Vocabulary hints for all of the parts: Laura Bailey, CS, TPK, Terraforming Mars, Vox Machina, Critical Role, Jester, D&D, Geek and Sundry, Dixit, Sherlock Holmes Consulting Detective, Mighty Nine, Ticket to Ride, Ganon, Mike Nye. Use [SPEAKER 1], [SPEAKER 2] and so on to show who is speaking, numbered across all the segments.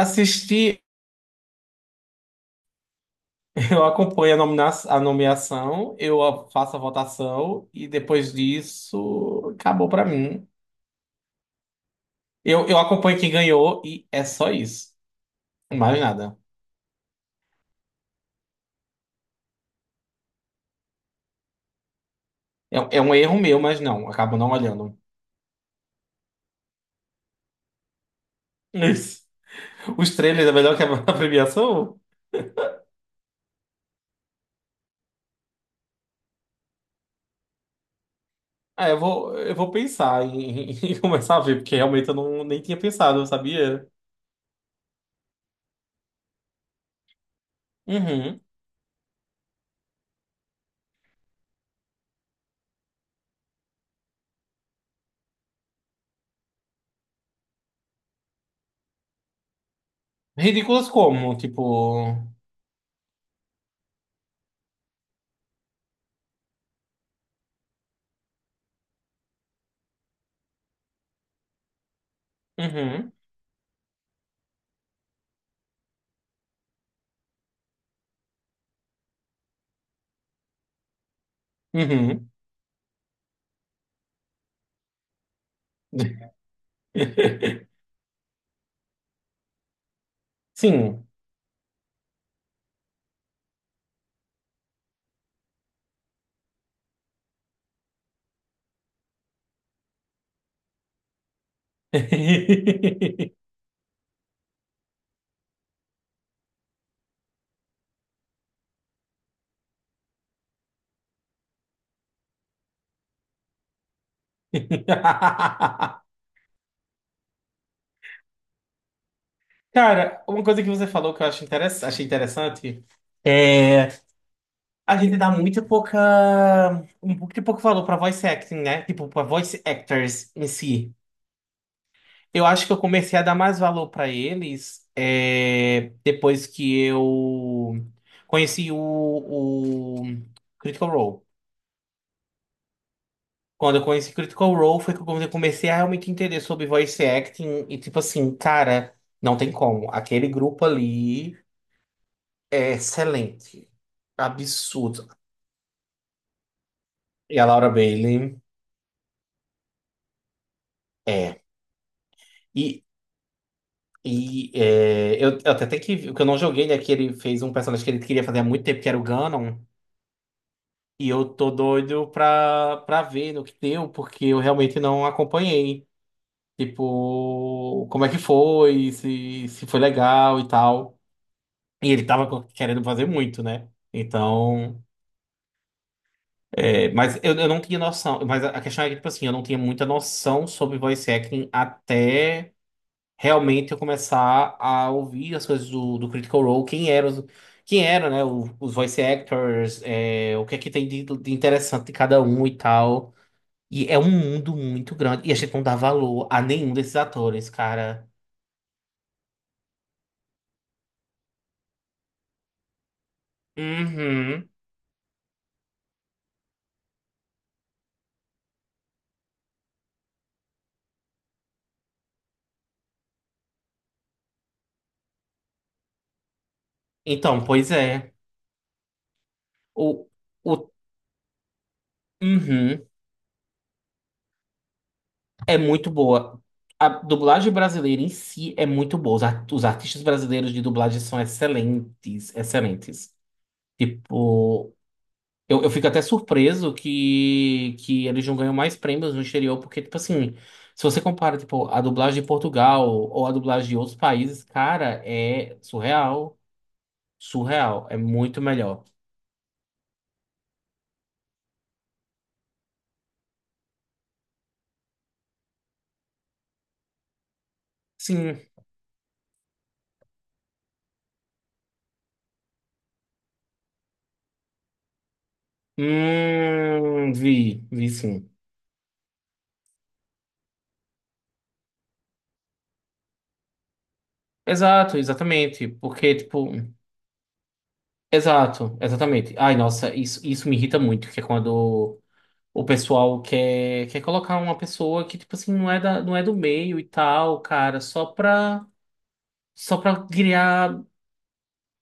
[SPEAKER 1] Assisti, eu acompanho a nomeação, faço a votação e depois disso acabou pra mim. Eu acompanho quem ganhou e é só isso. Mais nada. É um erro meu, mas não, acabo não olhando. Isso. Os trailers é melhor que a, premiação? Ah, eu vou pensar em, em começar a ver, porque realmente eu não, nem tinha pensado, sabia? Uhum. Ridículas como? Tipo. Uhum. Uhum. Sim. Cara, uma coisa que você falou que eu acho achei interessante é a gente dá muito pouca um pouco de pouco valor pra voice acting, né? Tipo, pra voice actors em si. Eu acho que eu comecei a dar mais valor pra eles é, depois que eu conheci o, o Critical Role. Quando eu conheci Critical Role foi que eu comecei a realmente entender sobre voice acting e tipo assim, cara, não tem como. Aquele grupo ali é excelente. Absurdo. E a Laura Bailey é. E, eu até tenho que. O que eu não joguei, né? Que ele fez um personagem que ele queria fazer há muito tempo, que era o Ganon. E eu tô doido pra ver no que deu, porque eu realmente não acompanhei. Tipo, como é que foi, se foi legal e tal. E ele tava querendo fazer muito, né? Então, é, mas eu não tinha noção. Mas a questão é que, tipo assim, eu não tinha muita noção sobre voice acting até realmente eu começar a ouvir as coisas do Critical Role, quem eram, quem era, né, os voice actors, é, o que é que tem de interessante de cada um e tal. E é um mundo muito grande. E a gente não dá valor a nenhum desses atores, cara. Uhum. Então, pois é. O, o, uhum. É muito boa. A dublagem brasileira em si é muito boa. Os artistas brasileiros de dublagem são excelentes, excelentes. Tipo, eu fico até surpreso que eles não ganham mais prêmios no exterior, porque, tipo assim, se você compara, tipo, a dublagem de Portugal ou a dublagem de outros países, cara, é surreal, surreal. É muito melhor. Sim. Vi sim. Exato, exatamente. Porque, tipo. Exato, exatamente. Ai, nossa, isso me irrita muito, que é quando o pessoal quer colocar uma pessoa que, tipo assim, não é da, não é do meio e tal, cara, só pra criar,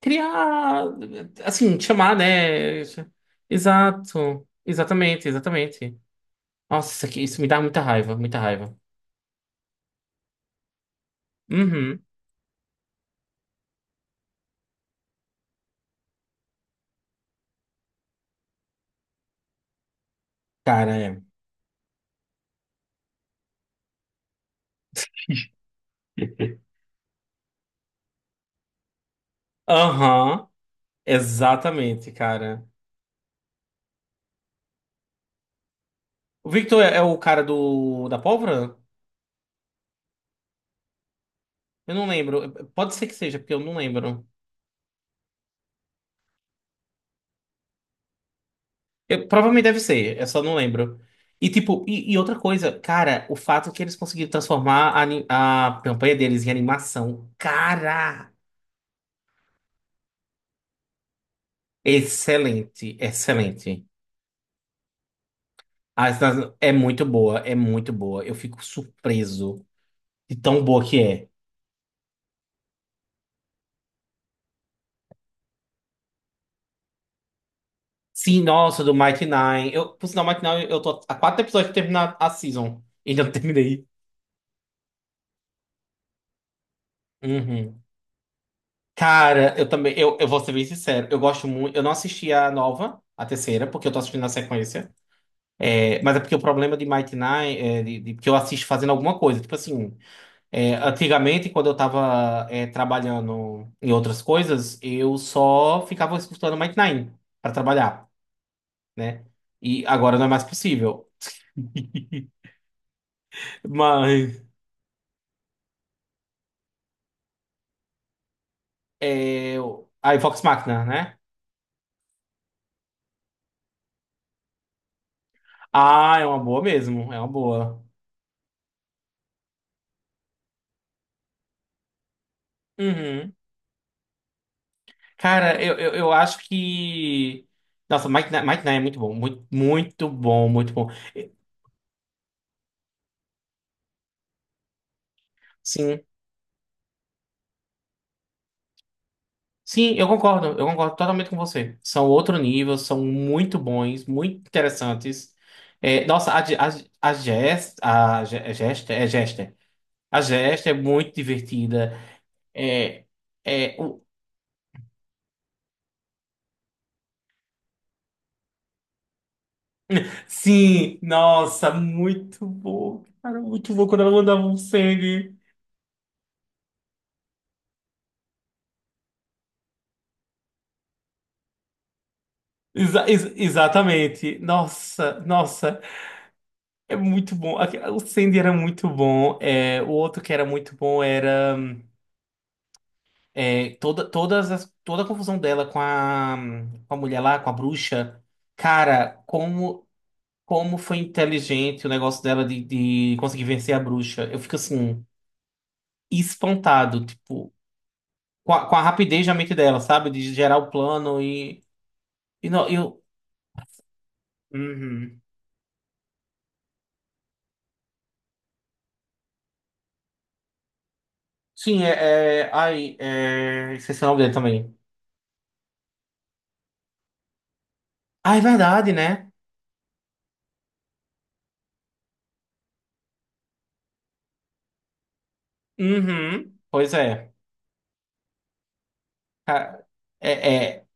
[SPEAKER 1] criar, assim, chamar, né? Exato, exatamente, exatamente. Nossa, isso me dá muita raiva, muita raiva. Uhum, cara, é. Aham, exatamente, cara. O Victor é, é o cara do, da pólvora? Eu não lembro. Pode ser que seja, porque eu não lembro. Eu- provavelmente deve ser, eu só não lembro. E tipo, e outra coisa, cara, o fato que eles conseguiram transformar a campanha deles em animação, cara, excelente, excelente. É muito boa, é muito boa. Eu fico surpreso de tão boa que é. Sim, nossa, do Mighty Nine. Eu, por sinal, Mighty Nine, eu tô há quatro episódios pra terminar a season. Ainda não terminei. Uhum. Cara, eu também, eu vou ser bem sincero, eu gosto muito, eu não assisti a nova, a terceira, porque eu tô assistindo na sequência, é, mas é porque o problema de Mighty Nine, que eu assisto fazendo alguma coisa, tipo assim, é, antigamente, quando eu tava, é, trabalhando em outras coisas, eu só ficava escutando Mighty Nine pra trabalhar, né, e agora não é mais possível, mas, é, aí Vox Machina, né, ah, é uma boa mesmo, é uma boa. Uhum. Cara, eu acho que. Nossa, Mike Nye é muito bom. Muito, muito bom, muito bom. Sim. Sim, eu concordo. Eu concordo totalmente com você. São outro nível, são muito bons, muito interessantes. É, nossa, a Jess. É Jester? É Jester. A Jester é muito divertida. É. É, o- Sim, nossa, muito bom, cara, muito bom quando ela mandava um sangue. Exatamente. Nossa, nossa. É muito bom. O Sandy era muito bom. É, o outro que era muito bom era é, toda a confusão dela com a mulher lá, com a bruxa. Cara, como, como foi inteligente o negócio dela de conseguir vencer a bruxa. Eu fico assim, espantado, tipo, com a rapidez da mente dela, sabe? De gerar o plano e. E não, eu. Uhum. Sim, é, é. Ai, é. Esqueci o nome dele também. Ah, é verdade, né? Uhum. Pois é. Ca- é, é,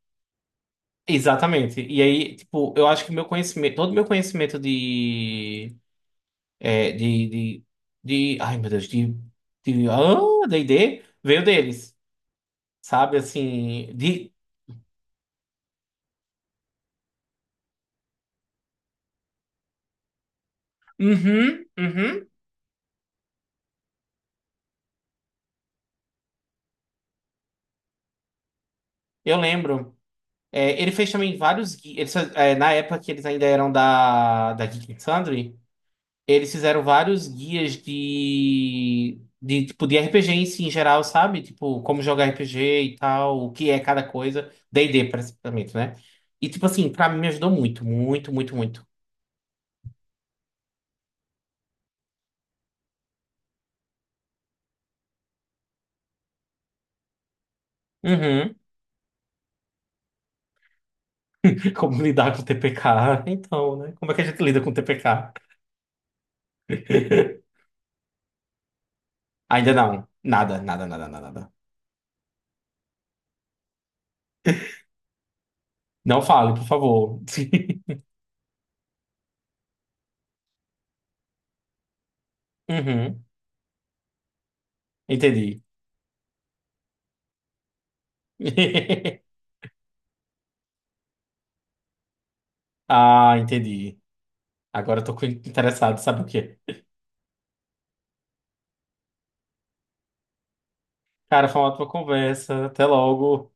[SPEAKER 1] exatamente. E aí, tipo, eu acho que meu conhecimento, todo meu conhecimento é, de, de, de ai meu Deus, de, ah, D&D, veio deles, sabe? Assim, de, uhum, uhum, eu lembro. É, ele fez também vários, é, na época que eles ainda eram da, da Geek and Sundry, eles fizeram vários guias de tipo de RPG em si, em geral, sabe? Tipo, como jogar RPG e tal, o que é cada coisa. D&D, praticamente, né? E, tipo assim, pra mim me ajudou muito, muito, muito, muito. Uhum. Como lidar com o TPK? Então, né? Como é que a gente lida com o TPK? Ainda não. Nada, nada, nada, nada, nada. Não fale, por favor. Uhum. Entendi. Ah, entendi. Agora eu tô cu- interessado, sabe o quê? Cara, foi uma ótima conversa. Até logo.